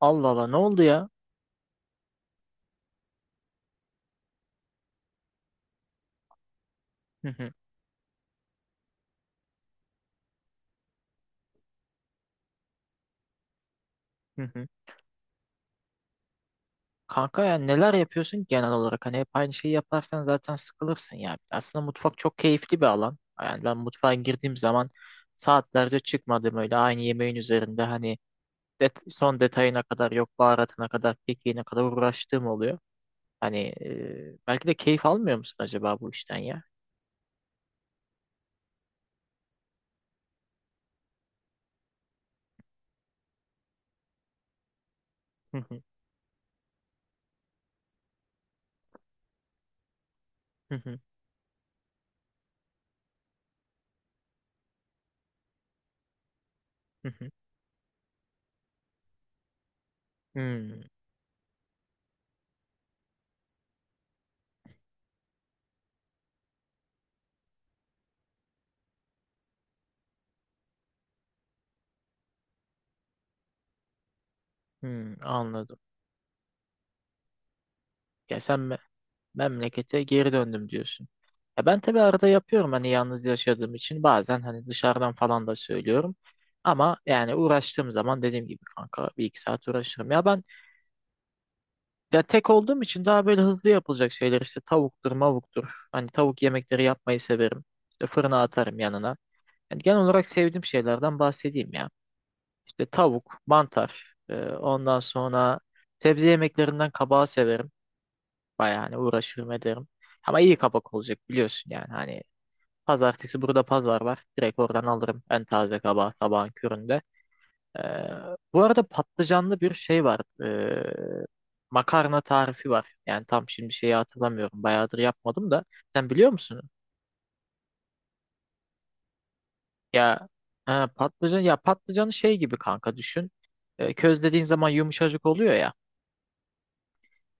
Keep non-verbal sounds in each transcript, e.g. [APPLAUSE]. Allah Allah, ne oldu ya? Hı hı, hı hı. Kanka ya, neler yapıyorsun ki genel olarak? Hani hep aynı şeyi yaparsan zaten sıkılırsın ya. Aslında mutfak çok keyifli bir alan. Yani ben mutfağa girdiğim zaman saatlerce çıkmadım öyle aynı yemeğin üzerinde, hani son detayına kadar, yok baharatına kadar, kekiğine kadar uğraştığım oluyor. Hani belki de keyif almıyor musun acaba bu işten ya? Hı hı, hı hı, hı hı. Hmm, hmm, anladım. Ya sen memlekete geri döndüm diyorsun. Ya ben tabii arada yapıyorum, hani yalnız yaşadığım için bazen hani dışarıdan falan da söylüyorum. Ama yani uğraştığım zaman dediğim gibi kanka, bir iki saat uğraşırım. Ya ben ya tek olduğum için daha böyle hızlı yapılacak şeyler, işte tavuktur mavuktur. Hani tavuk yemekleri yapmayı severim. İşte fırına atarım yanına. Yani genel olarak sevdiğim şeylerden bahsedeyim ya. İşte tavuk, mantar, ondan sonra sebze yemeklerinden kabağı severim. Bayağı hani uğraşırım ederim. Ama iyi kabak olacak biliyorsun yani. Hani pazartesi burada pazar var. Direkt oradan alırım en taze kabağı sabahın köründe. Ee, Bu arada patlıcanlı bir şey var. Makarna tarifi var. Yani tam şimdi şeyi hatırlamıyorum. Bayağıdır yapmadım da. Sen biliyor musun? Ya ha, patlıcanı şey gibi kanka düşün. Közlediğin zaman yumuşacık oluyor ya.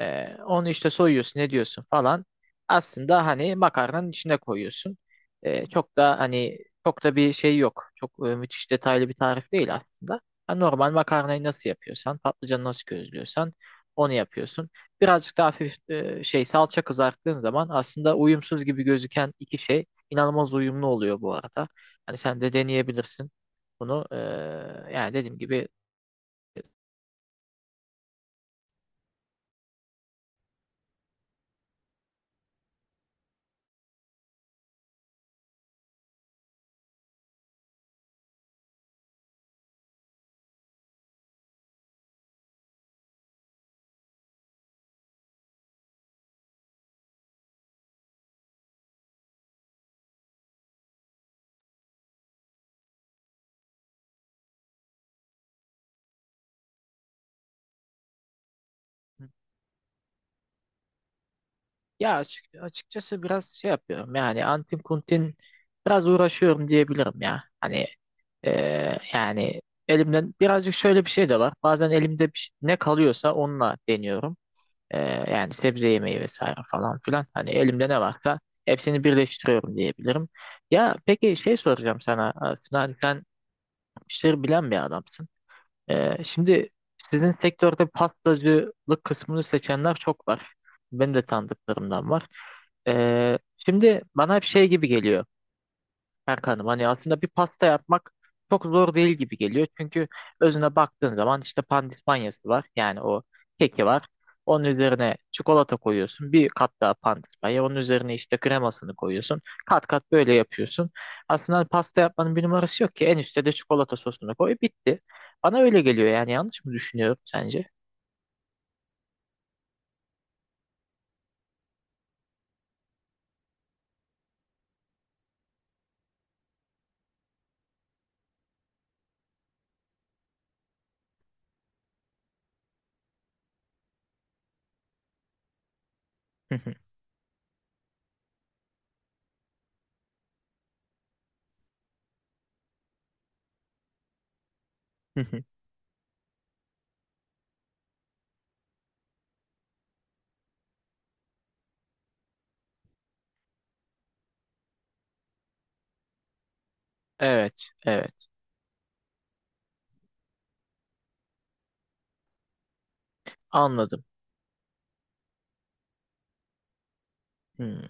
Onu işte soyuyorsun, ne diyorsun falan. Aslında hani makarnanın içine koyuyorsun. Çok da hani çok da bir şey yok. Çok müthiş detaylı bir tarif değil aslında. Ha, normal makarnayı nasıl yapıyorsan, patlıcanı nasıl közlüyorsan onu yapıyorsun. Birazcık daha hafif şey, salça kızarttığın zaman aslında uyumsuz gibi gözüken iki şey inanılmaz uyumlu oluyor bu arada. Hani sen de deneyebilirsin. Bunu yani dediğim gibi, ya açıkçası biraz şey yapıyorum yani, Antin Kuntin biraz uğraşıyorum diyebilirim ya. Hani e, yani elimden birazcık şöyle bir şey de var. Bazen elimde ne kalıyorsa onunla deniyorum. Ee, Yani sebze yemeği vesaire falan filan. Hani elimde ne varsa hepsini birleştiriyorum diyebilirim. Ya peki, şey soracağım sana aslında, hani sen işleri bilen bir adamsın. Şimdi sizin sektörde pastacılık kısmını seçenler çok var. Benim de tanıdıklarımdan var. Şimdi bana hep şey gibi geliyor. Erkan'ım, hani aslında bir pasta yapmak çok zor değil gibi geliyor. Çünkü özüne baktığın zaman işte pandispanyası var. Yani o keki var. Onun üzerine çikolata koyuyorsun. Bir kat daha pandispanya. Onun üzerine işte kremasını koyuyorsun. Kat kat böyle yapıyorsun. Aslında hani pasta yapmanın bir numarası yok ki. En üstte de çikolata sosunu koy. Bitti. Bana öyle geliyor yani. Yanlış mı düşünüyorum sence? [LAUGHS] Evet, evet. Anladım. Hmm.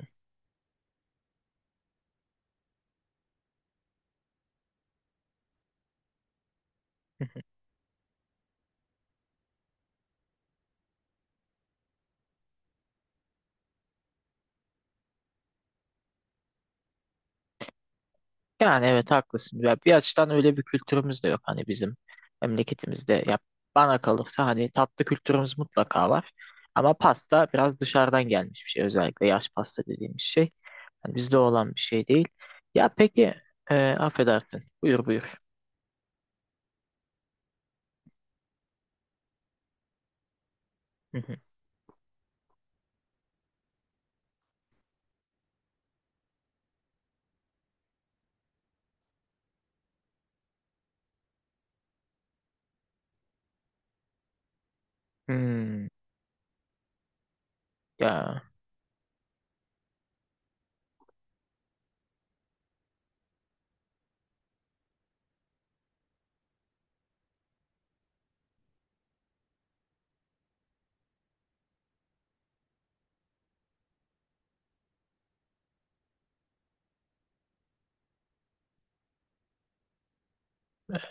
Yani evet, haklısın. Ya bir açıdan öyle bir kültürümüz de yok hani bizim memleketimizde. Ya bana kalırsa hani tatlı kültürümüz mutlaka var. Ama pasta biraz dışarıdan gelmiş bir şey. Özellikle yaş pasta dediğimiz şey. Hani bizde olan bir şey değil. Ya peki affedersin. Buyur buyur. Hı hı. Hmm, ya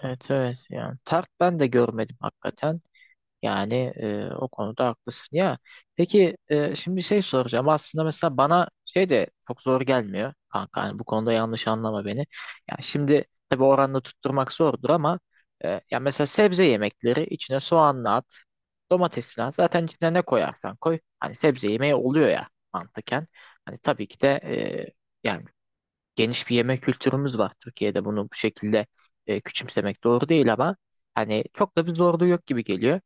evet evet, ya tart ben de görmedim hakikaten. Yani o konuda haklısın ya. Peki şimdi şey soracağım. Aslında mesela bana şey de çok zor gelmiyor kanka. Hani bu konuda yanlış anlama beni. Ya şimdi tabii oranını tutturmak zordur ama ya mesela sebze yemekleri, içine soğanla at, domatesini at. Zaten içine ne koyarsan koy. Hani sebze yemeği oluyor ya mantıken. Hani tabii ki de yani geniş bir yemek kültürümüz var Türkiye'de, bunu bu şekilde küçümsemek doğru değil, ama hani çok da bir zorluğu yok gibi geliyor.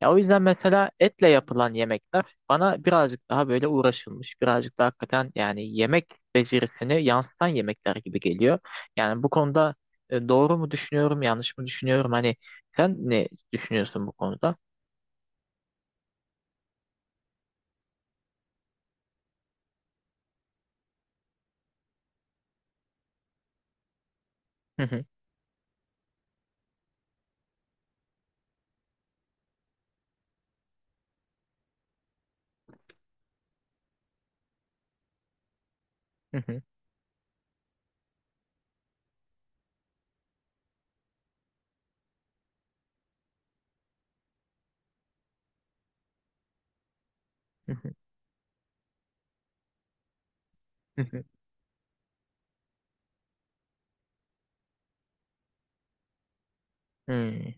Ya o yüzden mesela etle yapılan yemekler bana birazcık daha böyle uğraşılmış, birazcık daha hakikaten yani yemek becerisini yansıtan yemekler gibi geliyor. Yani bu konuda doğru mu düşünüyorum, yanlış mı düşünüyorum? Hani sen ne düşünüyorsun bu konuda? Hı hı, hı hı, hı hı, hı hı. Hmm.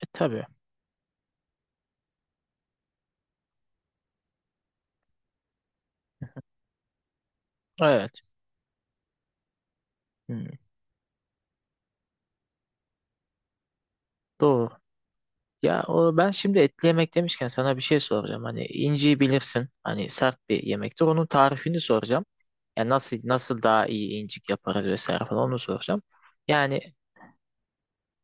E, tabii. Evet. Hmm. Doğru. Ya o, ben şimdi etli yemek demişken sana bir şey soracağım. Hani inciyi bilirsin. Hani sert bir yemektir. Onun tarifini soracağım. Yani nasıl daha iyi incik yaparız vesaire falan onu soracağım. Yani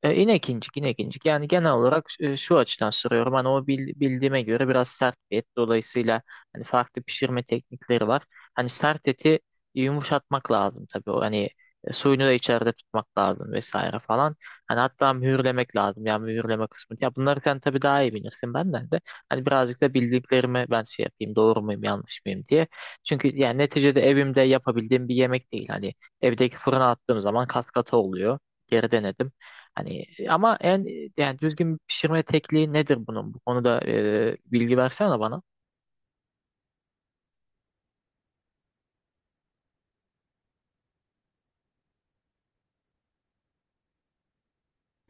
inek incik, inek. Yani genel olarak şu açıdan soruyorum. Hani o bildiğime göre biraz sert bir et. Dolayısıyla hani farklı pişirme teknikleri var. Hani sert eti yumuşatmak lazım tabii. O hani suyunu da içeride tutmak lazım vesaire falan. Hani hatta mühürlemek lazım. Yani mühürleme kısmı. Ya bunları sen tabii daha iyi bilirsin benden de. Hani birazcık da bildiklerimi ben şey yapayım, doğru muyum, yanlış mıyım diye. Çünkü yani neticede evimde yapabildiğim bir yemek değil. Hani evdeki fırına attığım zaman kat kata oluyor. Geri denedim. Hani ama en, yani düzgün bir pişirme tekniği nedir bunun? Bu konuda bilgi versene bana.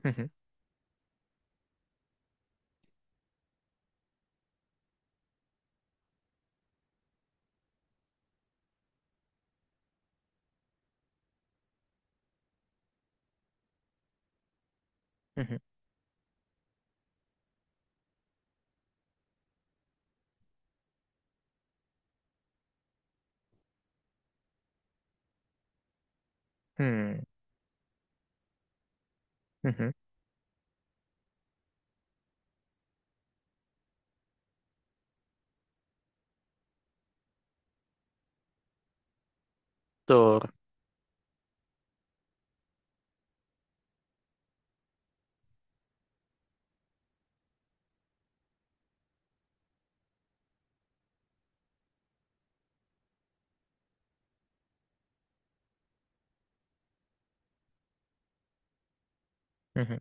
Hı hı, hı hı, hı, hı hı. Doğru. Hı hı,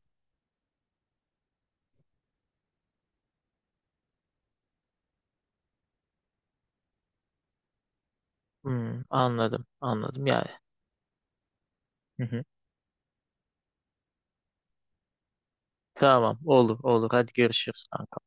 hı. Anladım, anladım yani. Hı hı. Tamam, olur, olur. Hadi görüşürüz kanka.